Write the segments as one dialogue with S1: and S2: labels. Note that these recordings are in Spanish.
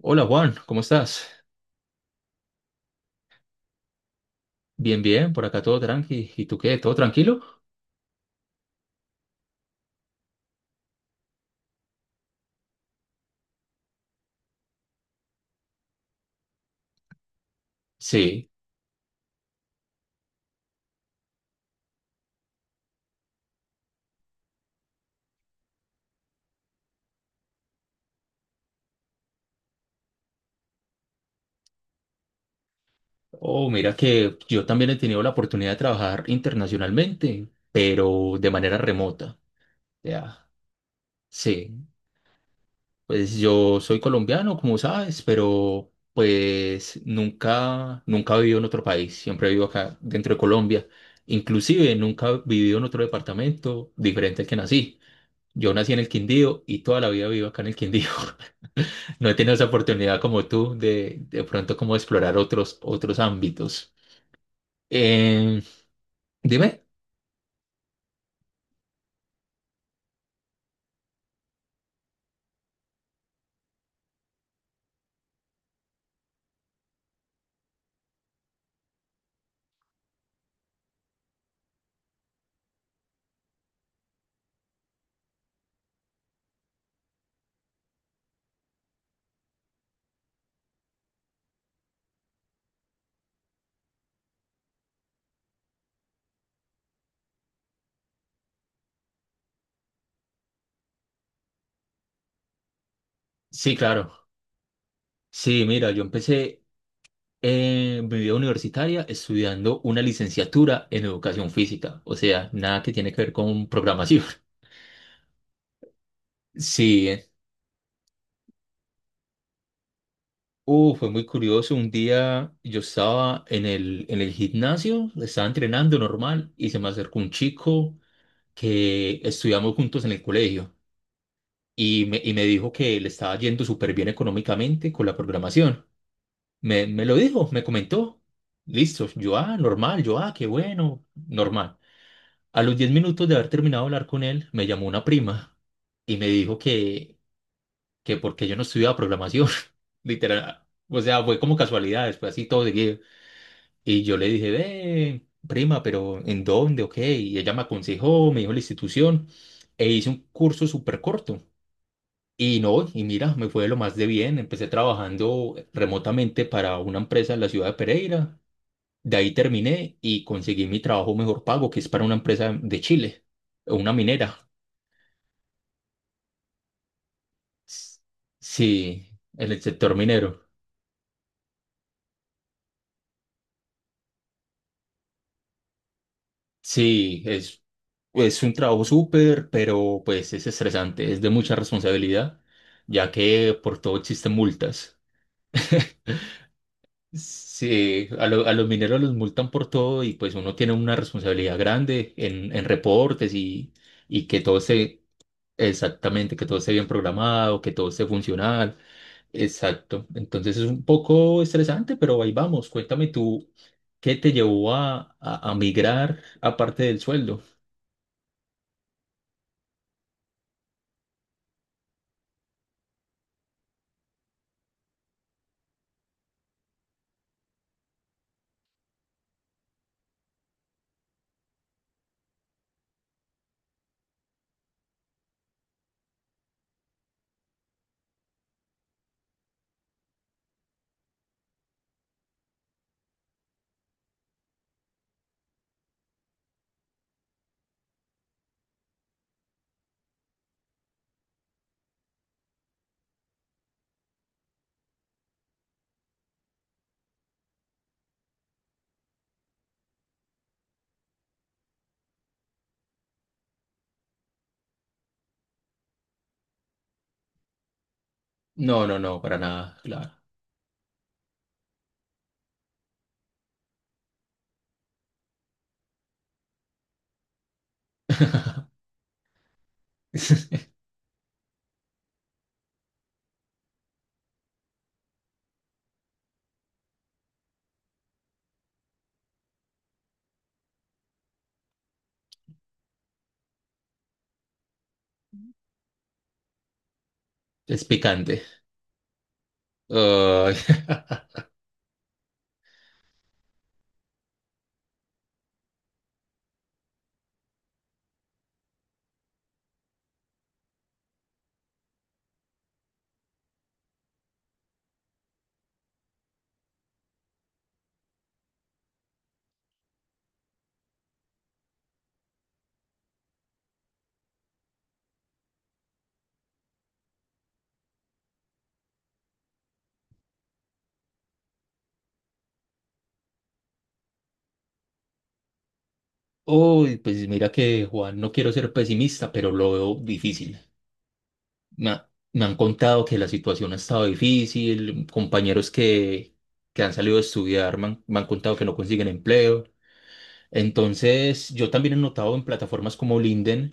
S1: Hola Juan, ¿cómo estás? Bien, bien, por acá todo tranqui. ¿Y tú qué? ¿Todo tranquilo? Sí. Oh, mira que yo también he tenido la oportunidad de trabajar internacionalmente, pero de manera remota. Ya. Sí. Pues yo soy colombiano, como sabes, pero pues nunca he vivido en otro país. Siempre he vivido acá dentro de Colombia. Inclusive nunca he vivido en otro departamento diferente al que nací. Yo nací en el Quindío y toda la vida vivo acá en el Quindío. No he tenido esa oportunidad como tú de pronto como explorar otros, otros ámbitos. Eh, Dime. Sí, claro. Sí, mira, yo empecé mi vida universitaria estudiando una licenciatura en educación física, o sea, nada que tiene que ver con programación. Sí, fue muy curioso. Un día yo estaba en el gimnasio, estaba entrenando normal y se me acercó un chico que estudiamos juntos en el colegio y me dijo que le estaba yendo súper bien económicamente con la programación. Me lo dijo, me comentó. Listo, yo, ah, normal, yo, ah, qué bueno, normal. A los 10 minutos de haber terminado de hablar con él, me llamó una prima y me dijo que porque yo no estudiaba programación, literal. O sea, fue como casualidad, después así todo seguido. Y yo le dije, ve, prima, pero ¿en dónde? Ok. Y ella me aconsejó, me dijo la institución e hice un curso súper corto. Y no, y mira, me fue de lo más de bien. Empecé trabajando remotamente para una empresa en la ciudad de Pereira. De ahí terminé y conseguí mi trabajo mejor pago, que es para una empresa de Chile, una minera. S- Sí, en el sector minero. Sí, es, es un trabajo súper, pero pues es estresante, es de mucha responsabilidad, ya que por todo existen multas. Sí, a los mineros los multan por todo y pues uno tiene una responsabilidad grande en reportes y que todo esté exactamente, que todo esté bien programado, que todo esté funcional. Exacto. Entonces es un poco estresante, pero ahí vamos. Cuéntame tú, ¿qué te llevó a migrar aparte del sueldo? No, no, no, para nada, claro. Es picante. Ay. Uy, pues mira que Juan, no quiero ser pesimista, pero lo veo difícil. Me, ha- Me han contado que la situación ha estado difícil, compañeros que han salido a estudiar me han contado que no consiguen empleo. Entonces, yo también he notado en plataformas como LinkedIn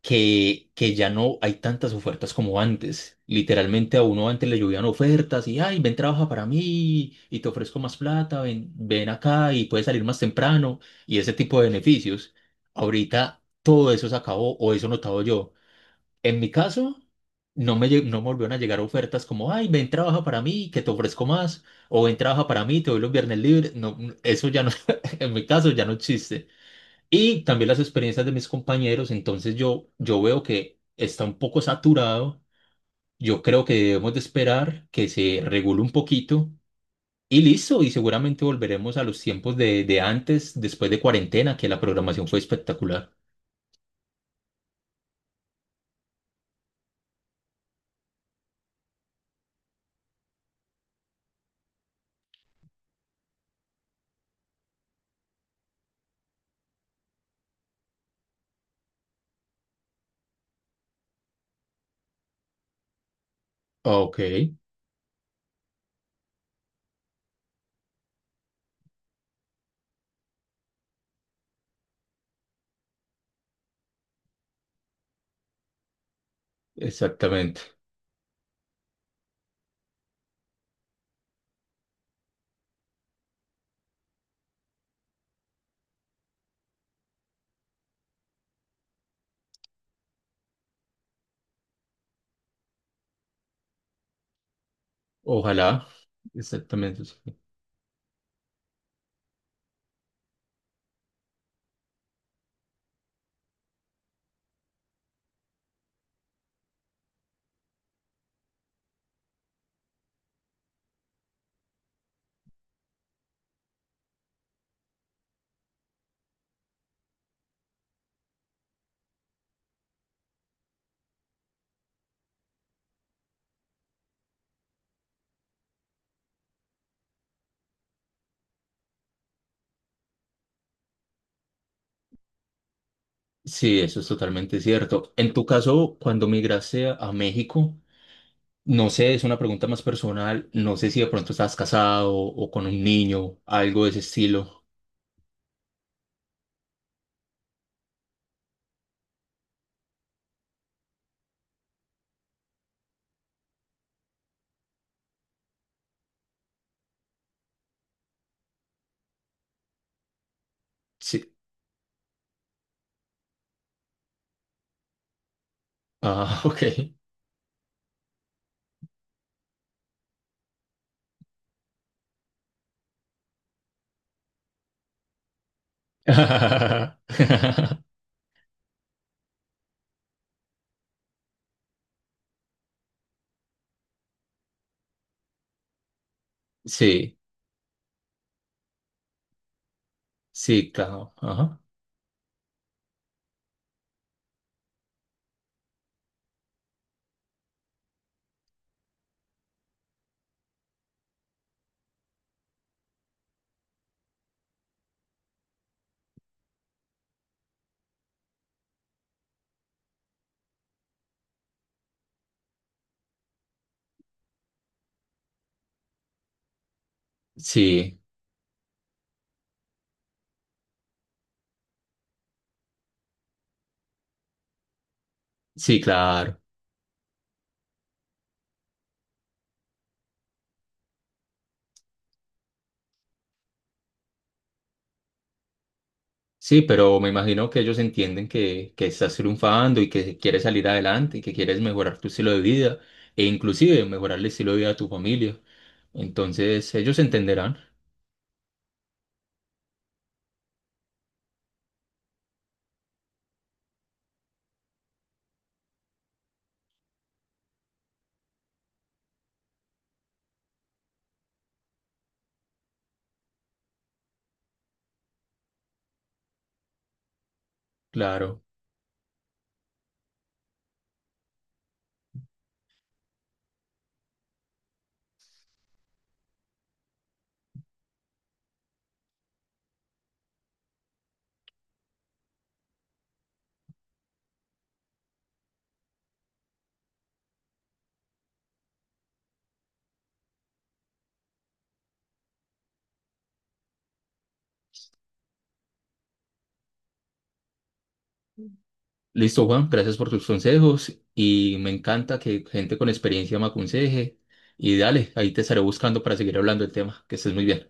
S1: que ya no hay tantas ofertas como antes. Literalmente a uno antes le llovían ofertas y, ay, ven, trabaja para mí y te ofrezco más plata, ven, ven acá y puedes salir más temprano y ese tipo de beneficios. Ahorita todo eso se acabó o eso he notado yo. En mi caso, no me volvieron a llegar ofertas como, ay, ven, trabaja para mí, que te ofrezco más, o ven, trabaja para mí, te doy los viernes libres. No, eso ya no, en mi caso, ya no existe. Y también las experiencias de mis compañeros, entonces yo veo que está un poco saturado. Yo creo que debemos de esperar que se regule un poquito y listo, y seguramente volveremos a los tiempos de antes, después de cuarentena, que la programación fue espectacular. Ah, ok, exactamente. Ojalá. Exactamente. Sí, eso es totalmente cierto. En tu caso, cuando migraste a México, no sé, es una pregunta más personal, no sé si de pronto estabas casado o con un niño, algo de ese estilo. Sí. Ah, ok. Sí, sí, claro. Ajá. Sí, sí, claro. Sí, pero me imagino que ellos entienden que estás triunfando y que quieres salir adelante y que quieres mejorar tu estilo de vida e inclusive mejorar el estilo de vida de tu familia. Entonces, ellos entenderán. Claro. Listo, Juan, gracias por tus consejos y me encanta que gente con experiencia me aconseje. Y dale, ahí te estaré buscando para seguir hablando del tema. Que estés muy bien.